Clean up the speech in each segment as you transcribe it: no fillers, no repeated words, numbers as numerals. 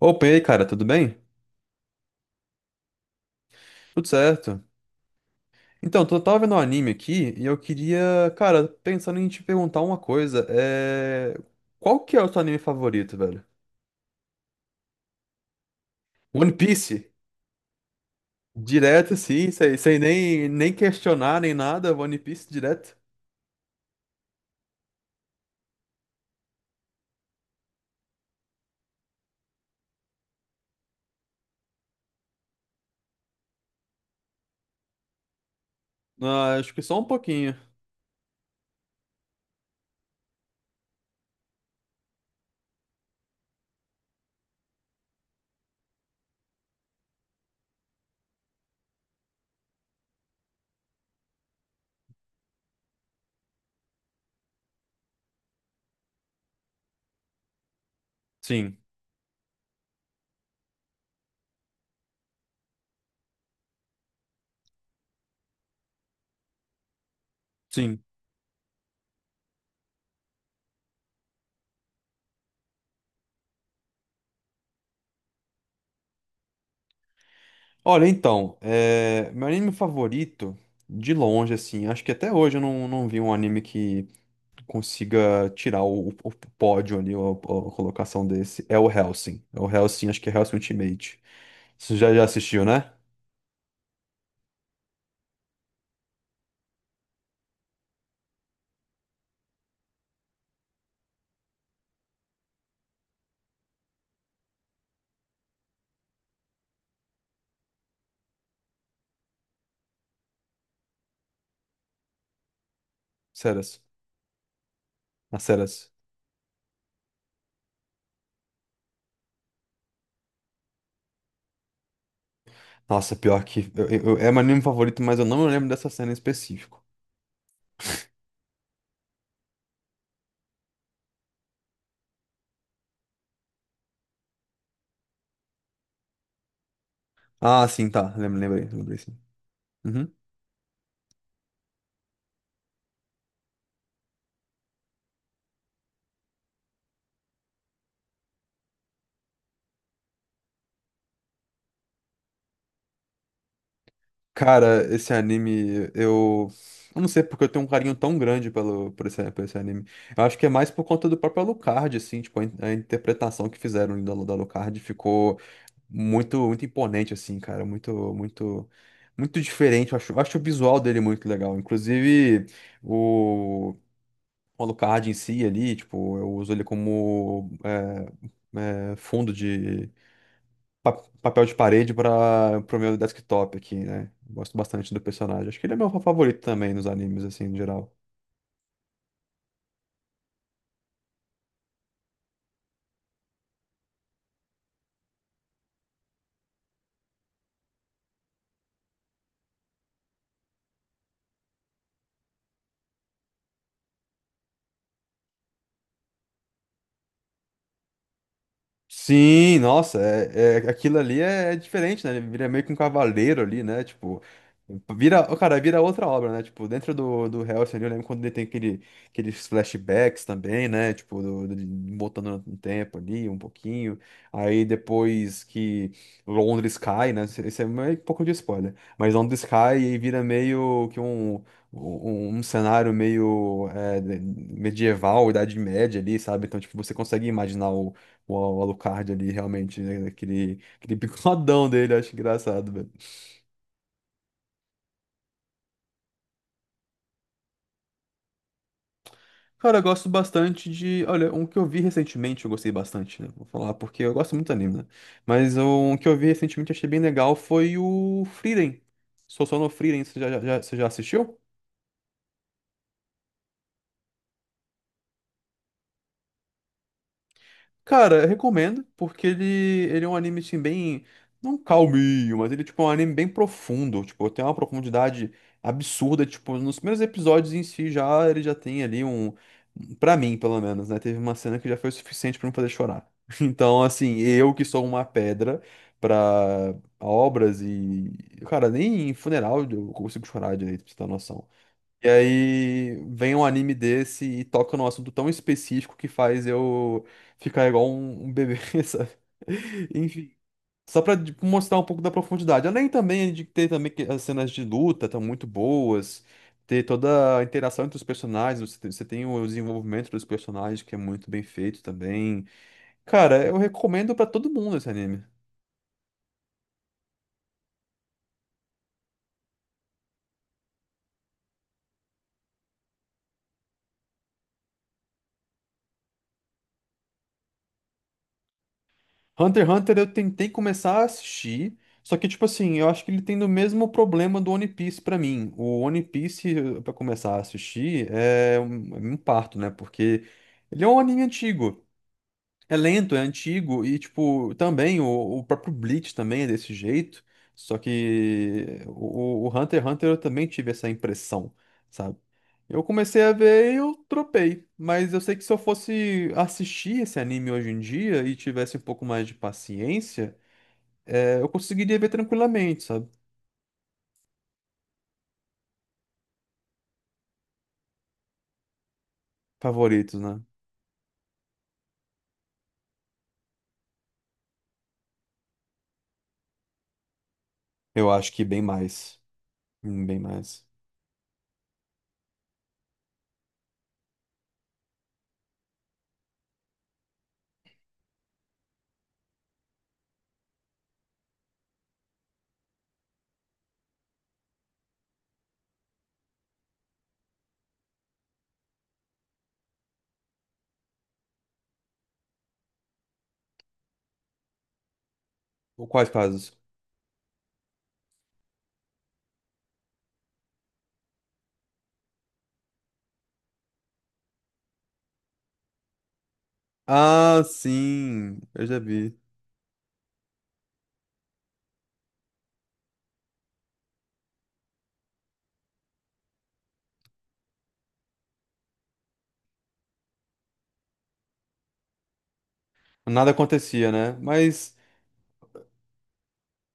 Opa, e aí, cara, tudo bem? Tudo certo. Então, eu tava vendo um anime aqui e eu queria, cara, pensando em te perguntar uma coisa. Qual que é o seu anime favorito, velho? One Piece? Direto, sim, sem nem questionar nem nada, One Piece direto. Ah, acho que só um pouquinho. Sim, sim. Olha, então, meu anime favorito, de longe, assim, acho que até hoje eu não vi um anime que consiga tirar pódio ali, a colocação desse, é o Hellsing. É o Hellsing, acho que é Hellsing Ultimate. Você já assistiu, né? Ceras. Na Ceras. Nossa, pior que é meu anime favorito, mas eu não lembro dessa cena em específico. Ah, sim, tá. Lembro, lembrei, lembrei sim. Uhum. Cara, esse anime, eu. Eu não sei porque eu tenho um carinho tão grande por por esse anime. Eu acho que é mais por conta do próprio Alucard, assim, tipo, a interpretação que fizeram da Alucard ficou muito muito imponente assim, cara, muito muito muito diferente. Eu acho o visual dele muito legal. Inclusive o o Alucard em si ali, tipo, eu uso ele como fundo de pa- papel de parede para pro meu desktop aqui, né? Gosto bastante do personagem. Acho que ele é meu favorito também nos animes assim, no geral. Sim, nossa, aquilo ali é diferente, né? Ele vira meio que um cavaleiro ali, né? Tipo, vira, ó, cara, vira outra obra, né? Tipo, dentro do Hellsing ali, eu lembro quando ele tem aquele, aqueles flashbacks também, né? Tipo, voltando no tempo ali, um pouquinho. Aí depois que Londres cai, né? Isso isso é meio que um pouco de spoiler. Mas Londres cai e vira meio que um cenário meio medieval, Idade Média ali, sabe? Então, tipo, você consegue imaginar o Alucard ali, realmente, né? Aquele, aquele bigodão dele, eu acho engraçado, velho. Cara, eu gosto bastante de. Olha, um que eu vi recentemente, eu gostei bastante, né? Vou falar porque eu gosto muito do anime, né? Mas um que eu vi recentemente, achei bem legal, foi o Frieren. Sou só no Frieren, você você já assistiu? Cara, eu recomendo, porque ele é um anime, assim, bem. Não calminho, mas ele, tipo, é um anime bem profundo. Tipo, tem uma profundidade absurda. Tipo, nos primeiros episódios em si já ele já tem ali um. Pra mim, pelo menos, né? Teve uma cena que já foi o suficiente pra me fazer chorar. Então, assim, eu que sou uma pedra pra obras e. Cara, nem em funeral eu consigo chorar direito, pra você ter uma noção. E aí vem um anime desse e toca num assunto tão específico que faz eu ficar igual um bebê, sabe? Enfim. Só pra tipo, mostrar um pouco da profundidade. Além também de ter também que as cenas de luta estão muito boas, ter toda a interação entre os personagens, você tem o desenvolvimento dos personagens que é muito bem feito também. Cara, eu recomendo pra todo mundo esse anime. Hunter x Hunter eu tentei começar a assistir, só que, tipo assim, eu acho que ele tem o mesmo problema do One Piece pra mim. O One Piece, pra começar a assistir, é um parto, né? Porque ele é um anime antigo. É lento, é antigo, e tipo, também o próprio Bleach também é desse jeito. Só que o Hunter x Hunter eu também tive essa impressão, sabe? Eu comecei a ver e eu tropei. Mas eu sei que se eu fosse assistir esse anime hoje em dia e tivesse um pouco mais de paciência, eu conseguiria ver tranquilamente, sabe? Favoritos, né? Eu acho que bem mais. Bem mais. Ou quais casos? Ah, sim, eu já vi. Nada acontecia, né? Mas.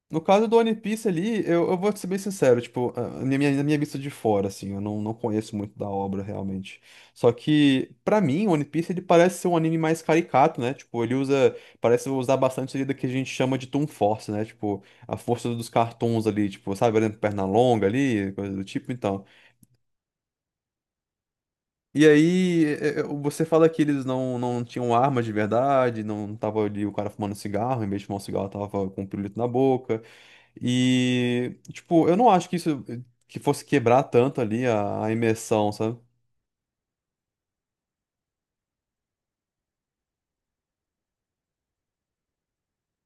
No caso do One Piece ali, eu vou ser bem sincero, tipo, a minha, na minha vista de fora, assim, eu não, não conheço muito da obra realmente. Só que, pra mim, One Piece ele parece ser um anime mais caricato, né? Tipo, ele usa, parece usar bastante ali do que a gente chama de Toon Force, né? Tipo, a força dos cartoons ali, tipo, sabe, olhando perna longa ali, coisa do tipo, então. E aí, você fala que eles não tinham arma de verdade, não tava ali o cara fumando cigarro, em vez de fumar um cigarro, tava com um pirulito na boca. E, tipo, eu não acho que isso que fosse quebrar tanto ali a imersão, sabe?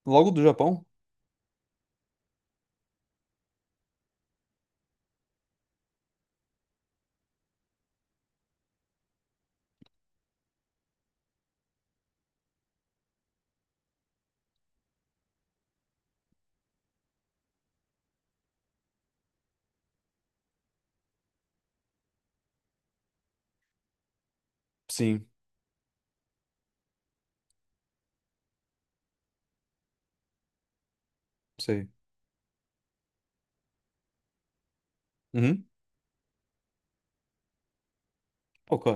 Logo do Japão? Sim, sei. Uhum. Ok.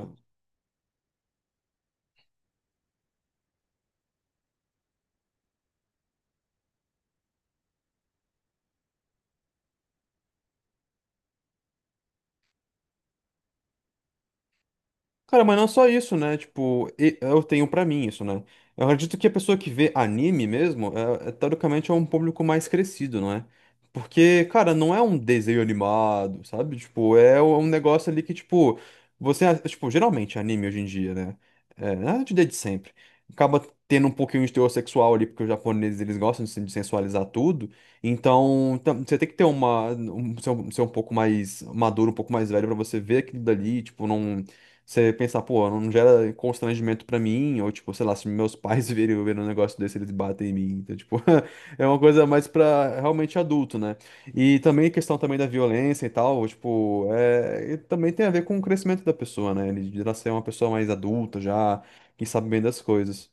Cara, mas não só isso, né? Tipo, eu tenho pra mim isso, né? Eu acredito que a pessoa que vê anime mesmo, teoricamente é um público mais crescido, não é? Porque, cara, não é um desenho animado, sabe? Tipo, é um negócio ali que, tipo, você, tipo, geralmente anime hoje em dia, né? É, na verdade, desde sempre. Acaba tendo um pouquinho de teor sexual ali, porque os japoneses, eles gostam de, de sensualizar tudo. Então, você tem que ter uma, ser ser um pouco mais maduro, um pouco mais velho pra você ver aquilo dali, tipo, não você pensar, pô, não gera constrangimento pra mim, ou tipo, sei lá, se meus pais verem, verem um negócio desse, eles batem em mim. Então, tipo, é uma coisa mais pra realmente adulto, né? E também a questão também da violência e tal, tipo, e também tem a ver com o crescimento da pessoa, né? Ele de nascer uma pessoa mais adulta já, que sabe bem das coisas.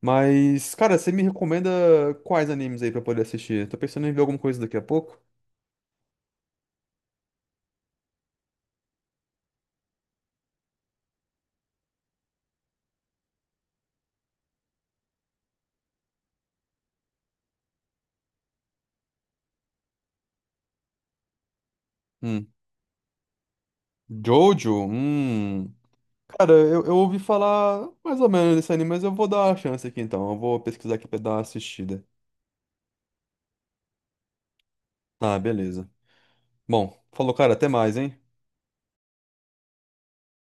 Mas, cara, você me recomenda quais animes aí pra eu poder assistir? Tô pensando em ver alguma coisa daqui a pouco. Hum. Jojo? Hum. Cara, eu ouvi falar mais ou menos desse anime, mas eu vou dar a chance aqui então. Eu vou pesquisar aqui pra dar uma assistida. Ah, beleza. Bom, falou, cara, até mais, hein?